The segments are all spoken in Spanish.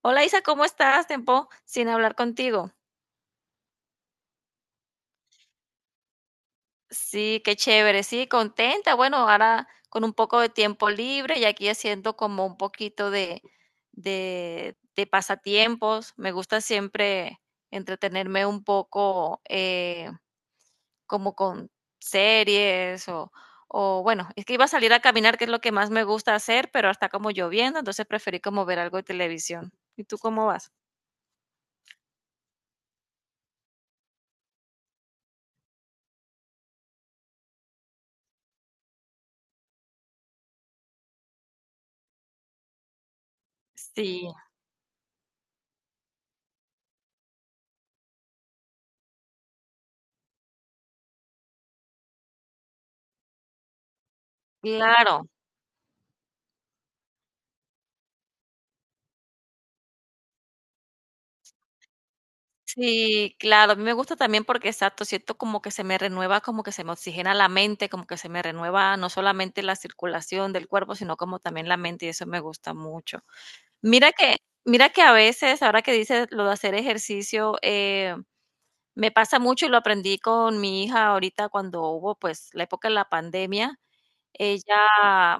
Hola Isa, ¿cómo estás? Tiempo sin hablar contigo. Sí, qué chévere, sí, contenta. Bueno, ahora con un poco de tiempo libre y aquí haciendo como un poquito de pasatiempos. Me gusta siempre entretenerme un poco como con series o bueno, es que iba a salir a caminar, que es lo que más me gusta hacer, pero está como lloviendo, entonces preferí como ver algo de televisión. ¿Y tú cómo vas? Sí, claro. Sí, claro, a mí me gusta también porque, exacto, siento como que se me renueva, como que se me oxigena la mente, como que se me renueva no solamente la circulación del cuerpo, sino como también la mente, y eso me gusta mucho. Mira que mira que a veces, ahora que dices lo de hacer ejercicio, me pasa mucho, y lo aprendí con mi hija ahorita cuando hubo, pues, la época de la pandemia. Ella,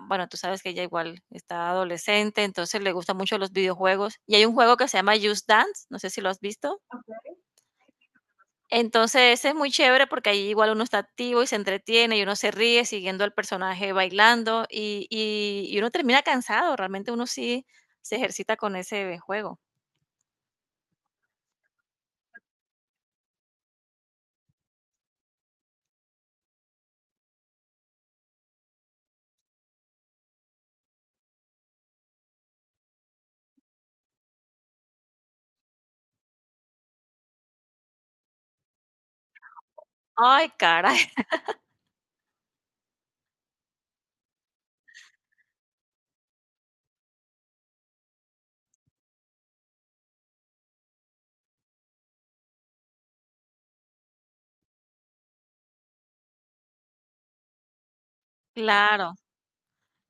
bueno, tú sabes que ella igual está adolescente, entonces le gustan mucho los videojuegos, y hay un juego que se llama Just Dance, no sé si lo has visto. Entonces es muy chévere porque ahí igual uno está activo y se entretiene y uno se ríe siguiendo al personaje bailando y uno termina cansado, realmente uno sí se ejercita con ese juego. Ay, caray, claro,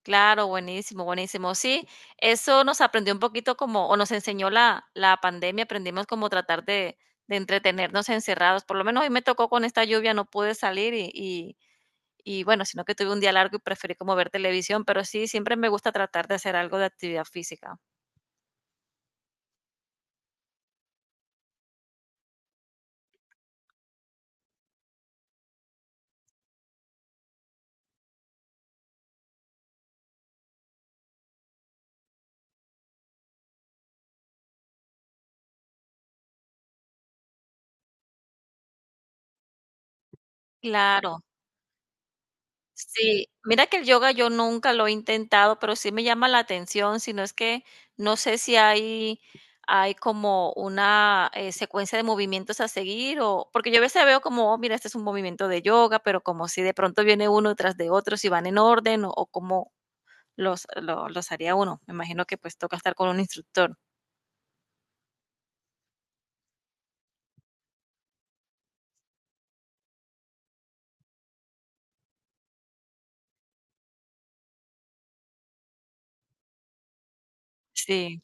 claro, buenísimo, buenísimo. Sí, eso nos aprendió un poquito como, o nos enseñó la pandemia, aprendimos como tratar de entretenernos encerrados. Por lo menos hoy me tocó con esta lluvia, no pude salir y bueno, sino que tuve un día largo y preferí como ver televisión, pero sí, siempre me gusta tratar de hacer algo de actividad física. Claro. Sí, mira que el yoga yo nunca lo he intentado, pero sí me llama la atención, sino es que no sé si hay, hay como una secuencia de movimientos a seguir o porque yo a veces veo como, oh, mira, este es un movimiento de yoga, pero como si de pronto viene uno tras de otro, si van en orden o cómo los haría uno. Me imagino que pues toca estar con un instructor. Sí,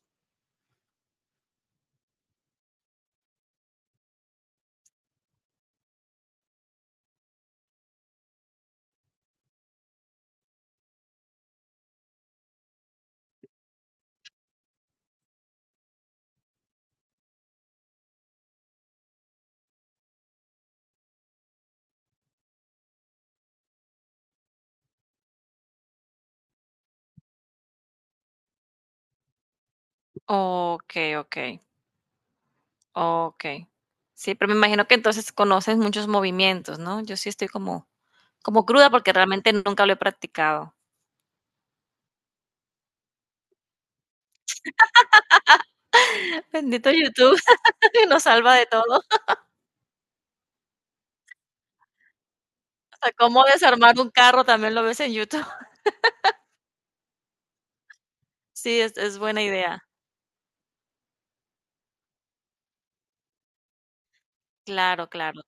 ok, ok. Okey. Sí, pero me imagino que entonces conoces muchos movimientos, ¿no? Yo sí estoy como cruda porque realmente nunca lo he practicado. Bendito YouTube, nos salva de todo. Hasta cómo desarmar un carro también lo ves en YouTube. Sí, es buena idea. Claro, claro.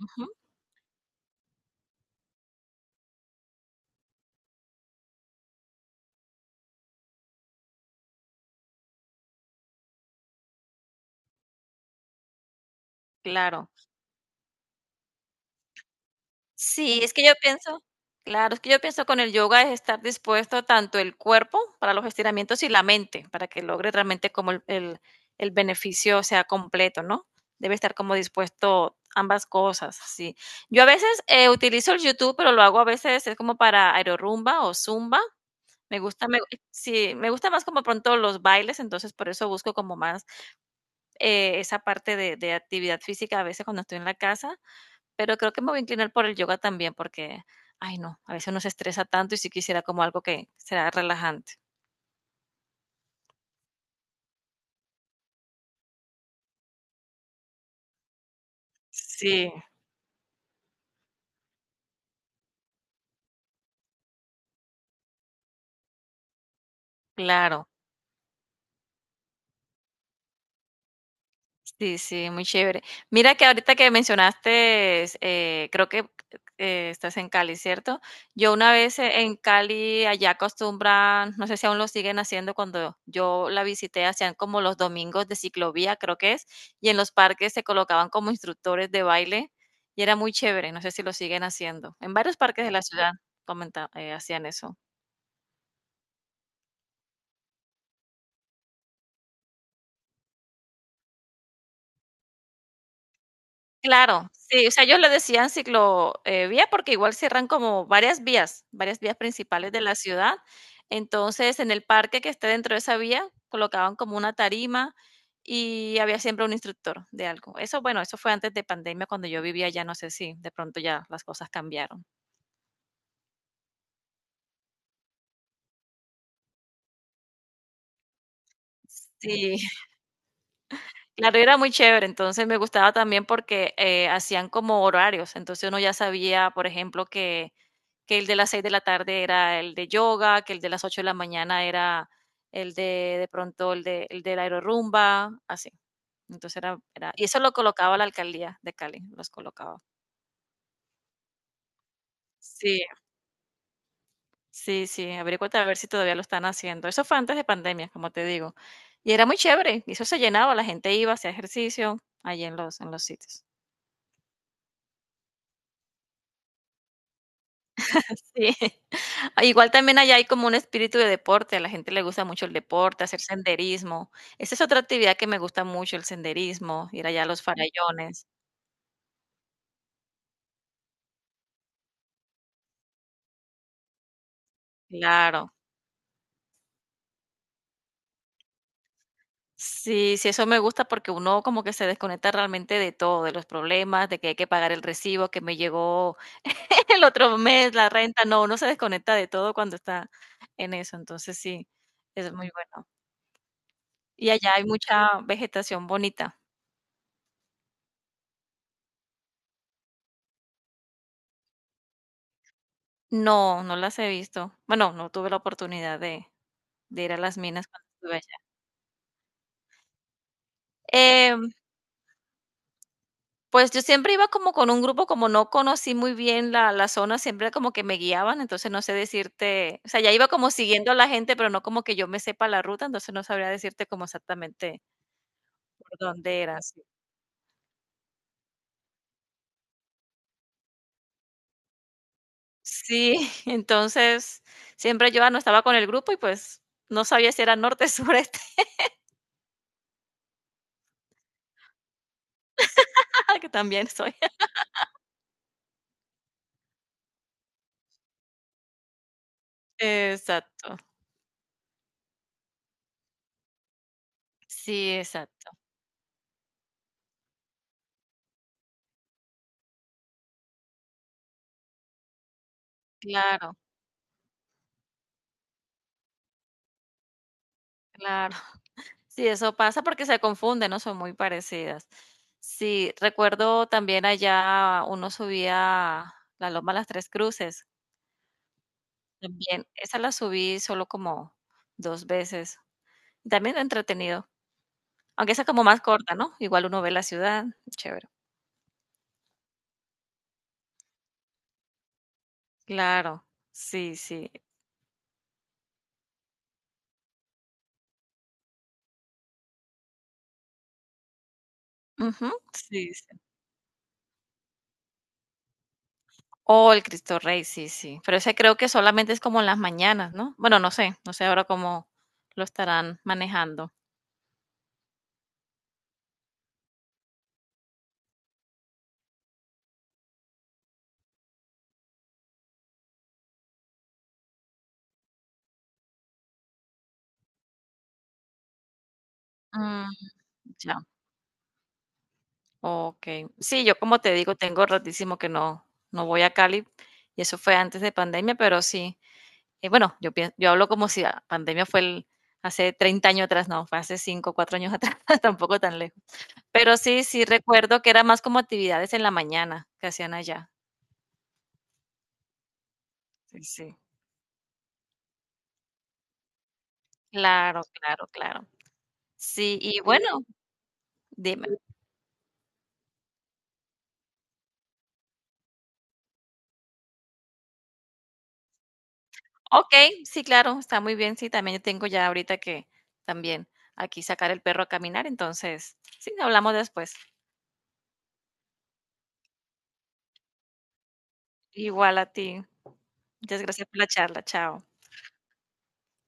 Ujú, claro. Sí, es que yo pienso claro, es que yo pienso con el yoga es estar dispuesto tanto el cuerpo para los estiramientos y la mente, para que logre realmente como el beneficio sea completo, ¿no? Debe estar como dispuesto ambas cosas, sí. Yo a veces, utilizo el YouTube, pero lo hago a veces, es como para aerorumba o zumba. Me gusta me sí, me gusta más como pronto los bailes, entonces por eso busco como más, esa parte de actividad física a veces cuando estoy en la casa pero creo que me voy a inclinar por el yoga también porque, ay no, a veces uno se estresa tanto y sí quisiera como algo que sea relajante. Sí, claro. Sí, sí, muy chévere. Mira que ahorita que mencionaste, creo que estás en Cali, ¿cierto? Yo una vez en Cali, allá acostumbran, no sé si aún lo siguen haciendo, cuando yo la visité, hacían como los domingos de ciclovía, creo que es, y en los parques se colocaban como instructores de baile y era muy chévere, no sé si lo siguen haciendo. En varios parques de la ciudad hacían eso. Claro, sí, o sea, ellos le decían ciclo, vía, porque igual cierran como varias vías principales de la ciudad. Entonces, en el parque que esté dentro de esa vía, colocaban como una tarima y había siempre un instructor de algo. Eso, bueno, eso fue antes de pandemia, cuando yo vivía allá, no sé si de pronto ya las cosas cambiaron. Sí. Claro, era muy chévere, entonces me gustaba también porque, hacían como horarios, entonces uno ya sabía, por ejemplo, que el de las 6 de la tarde era el de yoga, que el de las 8 de la mañana era el de pronto el de el del la aerorumba, así. Entonces era y eso lo colocaba la alcaldía de Cali, los colocaba. Sí, sí, sí, averíguate a ver si todavía lo están haciendo. Eso fue antes de pandemia, como te digo, y era muy chévere, y eso se llenaba, la gente iba, hacía ejercicio allí en los sitios. Sí. Igual también allá hay como un espíritu de deporte, a la gente le gusta mucho el deporte, hacer senderismo. Esa es otra actividad que me gusta mucho, el senderismo, ir allá a los farallones. Claro. Sí, sí, eso me gusta porque uno como que se desconecta realmente de todo, de los problemas, de que hay que pagar el recibo que me llegó el otro mes, la renta. No, uno se desconecta de todo cuando está en eso. Entonces sí, es muy bueno. Y allá hay mucha vegetación bonita. No, no las he visto. Bueno, no tuve la oportunidad de ir a las minas cuando estuve allá. Em, pues, yo siempre iba como con un grupo, como no conocí muy bien la zona, siempre como que me guiaban, entonces no sé decirte, o sea, ya iba como siguiendo a la gente, pero no como que yo me sepa la ruta, entonces no sabría decirte como exactamente por dónde era, sí. Sí, entonces siempre yo, ah, no estaba con el grupo y, pues, no sabía si era norte, sureste, que también soy. Exacto. Sí, exacto. Claro, claro. Sí, eso pasa porque se confunden, ¿no? Son muy parecidas. Sí, recuerdo también allá uno subía la Loma Las Tres Cruces. También esa la subí solo como 2 veces. También entretenido. Aunque esa como más corta, ¿no? Igual uno ve la ciudad. Chévere. Claro. Sí, sí. Ujú, sí, sí. Oh, el Cristo Rey, sí, sí. Pero ese creo que solamente es como en las mañanas, ¿no? Bueno, no sé. No sé ahora cómo lo estarán manejando. Mm, ya. Okey. Sí, yo como te digo, tengo ratísimo que no voy a Cali, y eso fue antes de pandemia, pero sí, bueno, yo hablo como si la pandemia fue el hace 30 años atrás, no, fue hace 5 o 4 años atrás, tampoco tan lejos. Pero sí, sí recuerdo que era más como actividades en la mañana que hacían allá. Sí, sí. Claro, claro, claro. Sí, y bueno, dime. Okey, sí, claro, está muy bien. Sí, también yo tengo ya ahorita que también aquí sacar el perro a caminar, entonces, sí, hablamos después. Igual a ti. Muchas gracias por la charla. Chao.